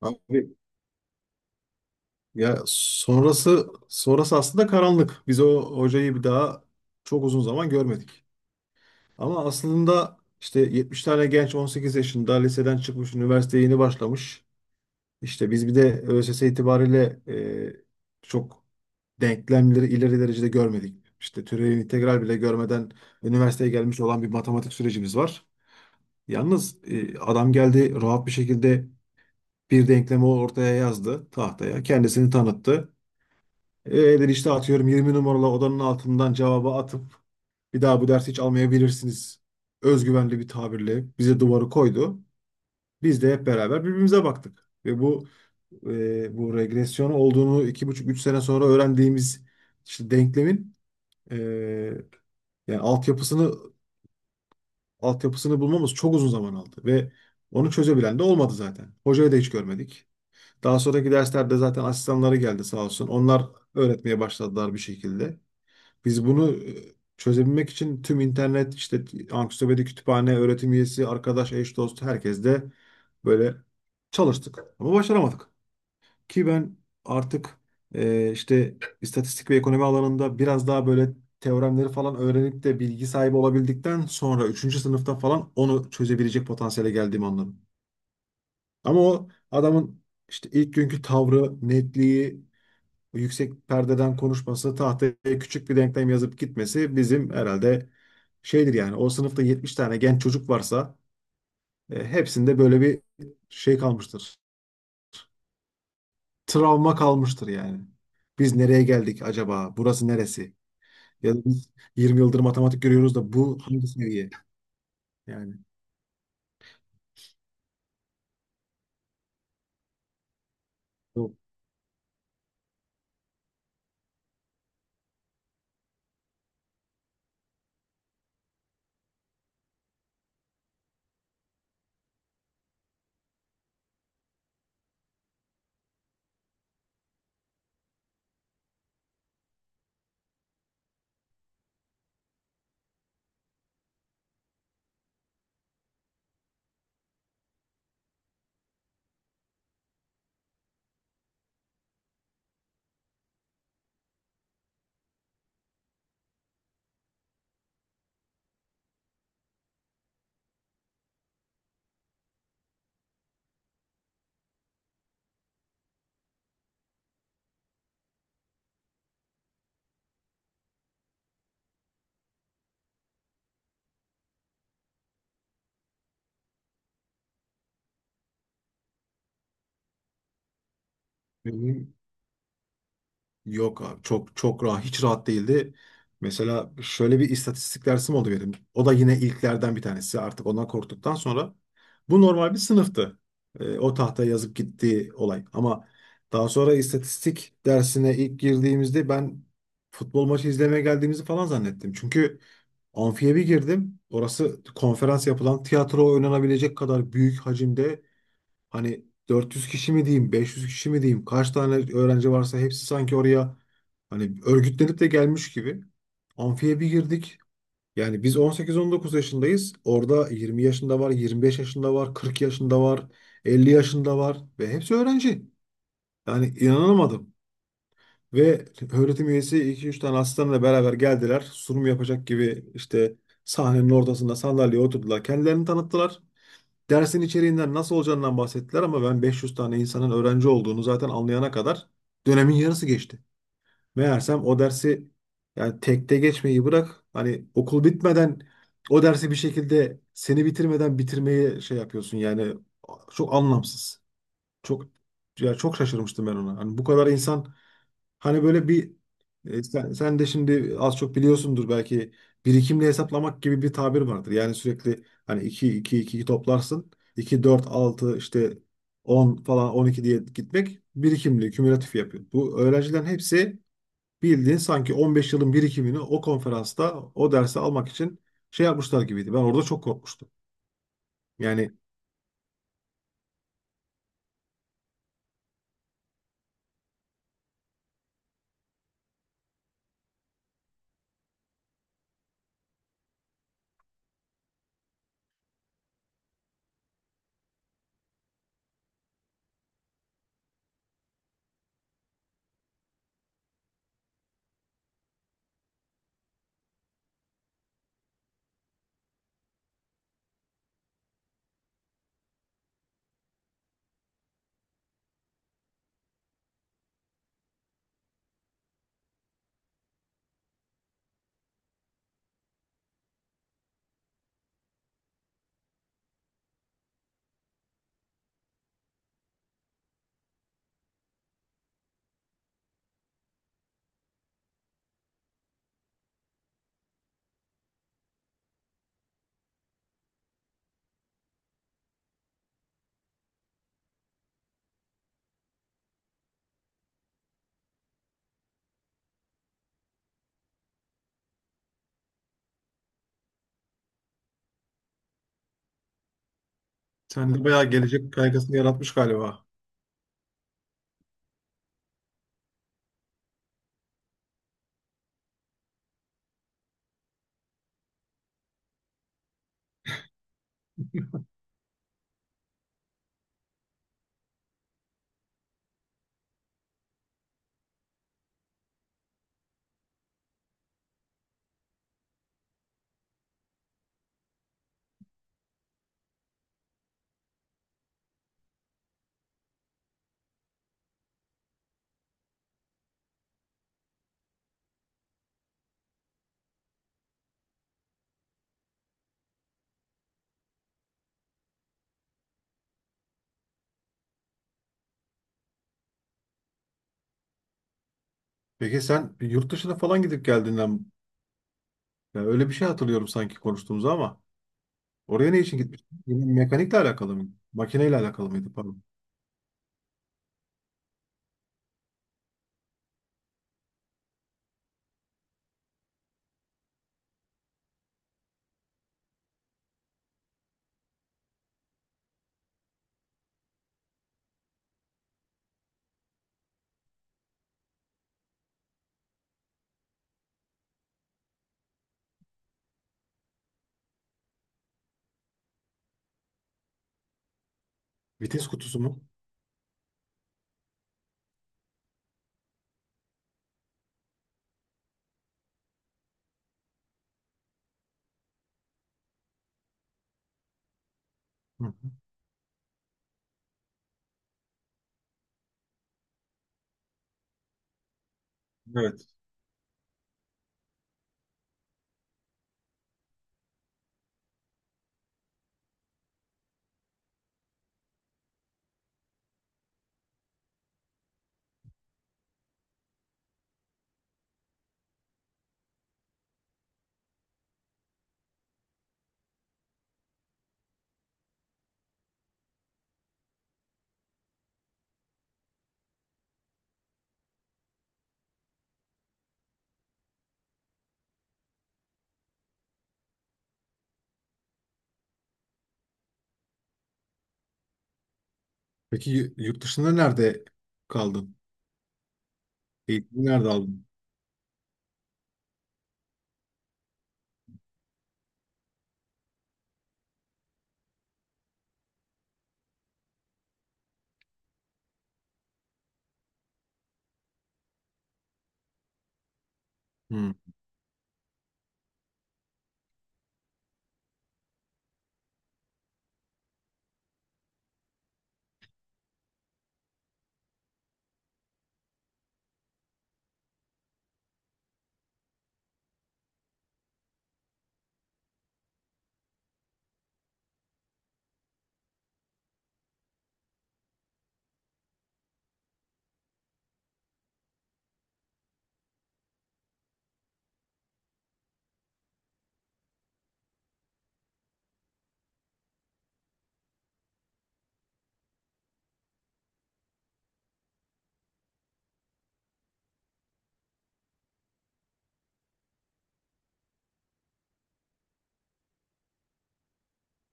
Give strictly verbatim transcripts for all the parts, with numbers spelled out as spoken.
Abi, ya sonrası sonrası aslında karanlık. Biz o hocayı bir daha çok uzun zaman görmedik. Ama aslında işte yetmiş tane genç on sekiz yaşında liseden çıkmış, üniversiteye yeni başlamış. İşte biz bir de ÖSS itibariyle e, çok denklemleri ileri derecede görmedik. İşte türevin integral bile görmeden üniversiteye gelmiş olan bir matematik sürecimiz var. Yalnız e, adam geldi rahat bir şekilde bir denklemi ortaya yazdı tahtaya. Kendisini tanıttı. Eğer işte atıyorum yirmi numaralı odanın altından cevabı atıp bir daha bu dersi hiç almayabilirsiniz. Özgüvenli bir tabirle bize duvarı koydu. Biz de hep beraber birbirimize baktık. Ve bu e, bu regresyon olduğunu iki buçuk üç sene sonra öğrendiğimiz işte denklemin, e, yani altyapısını altyapısını bulmamız çok uzun zaman aldı. Ve onu çözebilen de olmadı zaten. Hocayı da hiç görmedik. Daha sonraki derslerde zaten asistanları geldi sağ olsun. Onlar öğretmeye başladılar bir şekilde. Biz bunu e, çözebilmek için tüm internet, işte ansiklopedi, kütüphane, öğretim üyesi, arkadaş, eş, dost herkes de böyle çalıştık. Ama başaramadık. Ki ben artık e, işte istatistik ve ekonomi alanında biraz daha böyle teoremleri falan öğrenip de bilgi sahibi olabildikten sonra üçüncü sınıfta falan onu çözebilecek potansiyele geldiğimi anladım. Ama o adamın işte ilk günkü tavrı, netliği, bu yüksek perdeden konuşması, tahtaya küçük bir denklem yazıp gitmesi bizim herhalde şeydir yani. O sınıfta yetmiş tane genç çocuk varsa e, hepsinde böyle bir şey kalmıştır. Travma kalmıştır yani. Biz nereye geldik acaba? Burası neresi? Ya da biz yirmi yıldır matematik görüyoruz da bu hangi seviye? Yani. Benim Yok abi, çok çok rahat, hiç rahat değildi. Mesela şöyle bir istatistik dersim oldu benim. O da yine ilklerden bir tanesi. Artık ondan korktuktan sonra bu normal bir sınıftı. Ee, o tahtaya yazıp gittiği olay. Ama daha sonra istatistik dersine ilk girdiğimizde ben futbol maçı izlemeye geldiğimizi falan zannettim. Çünkü amfiye bir girdim. Orası konferans yapılan, tiyatro oynanabilecek kadar büyük hacimde. Hani dört yüz kişi mi diyeyim, beş yüz kişi mi diyeyim, kaç tane öğrenci varsa hepsi sanki oraya hani örgütlenip de gelmiş gibi. Amfiye bir girdik. Yani biz on sekiz on dokuz yaşındayız. Orada yirmi yaşında var, yirmi beş yaşında var, kırk yaşında var, elli yaşında var ve hepsi öğrenci. Yani inanamadım. Ve öğretim üyesi iki üç tane asistanla beraber geldiler. Sunum yapacak gibi işte sahnenin ortasında sandalyeye oturdular. Kendilerini tanıttılar. Dersin içeriğinden, nasıl olacağından bahsettiler ama ben beş yüz tane insanın öğrenci olduğunu zaten anlayana kadar dönemin yarısı geçti. Meğersem o dersi yani tekte geçmeyi bırak, hani okul bitmeden o dersi bir şekilde seni bitirmeden bitirmeyi şey yapıyorsun yani, çok anlamsız. Çok, ya çok şaşırmıştım ben ona. Hani bu kadar insan. Hani böyle bir e, sen, sen de şimdi az çok biliyorsundur belki, birikimli hesaplamak gibi bir tabir vardır. Yani sürekli hani iki iki iki toplarsın. İki dört altı, işte on falan on iki diye gitmek birikimli, kümülatif yapıyor. Bu öğrencilerin hepsi bildiğin sanki on beş yılın birikimini o konferansta o dersi almak için şey yapmışlar gibiydi. Ben orada çok korkmuştum. Yani sen de bayağı gelecek kaygısını yaratmış galiba. Peki sen yurt dışına falan gidip geldiğinden, yani öyle bir şey hatırlıyorum sanki konuştuğumuzu ama. Oraya ne için gitmiş? Yine mekanikle alakalı mıydı? Makineyle alakalı mıydı, pardon? Vites kutusu mu? Hı hı. Evet. Peki y- yurt dışında nerede kaldın? Eğitimi nerede aldın? Hı.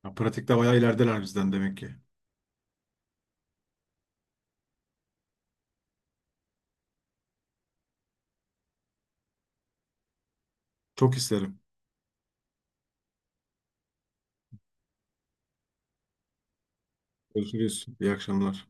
Ya pratikte bayağı ilerideler bizden demek ki. Çok isterim. Görüşürüz. İyi akşamlar.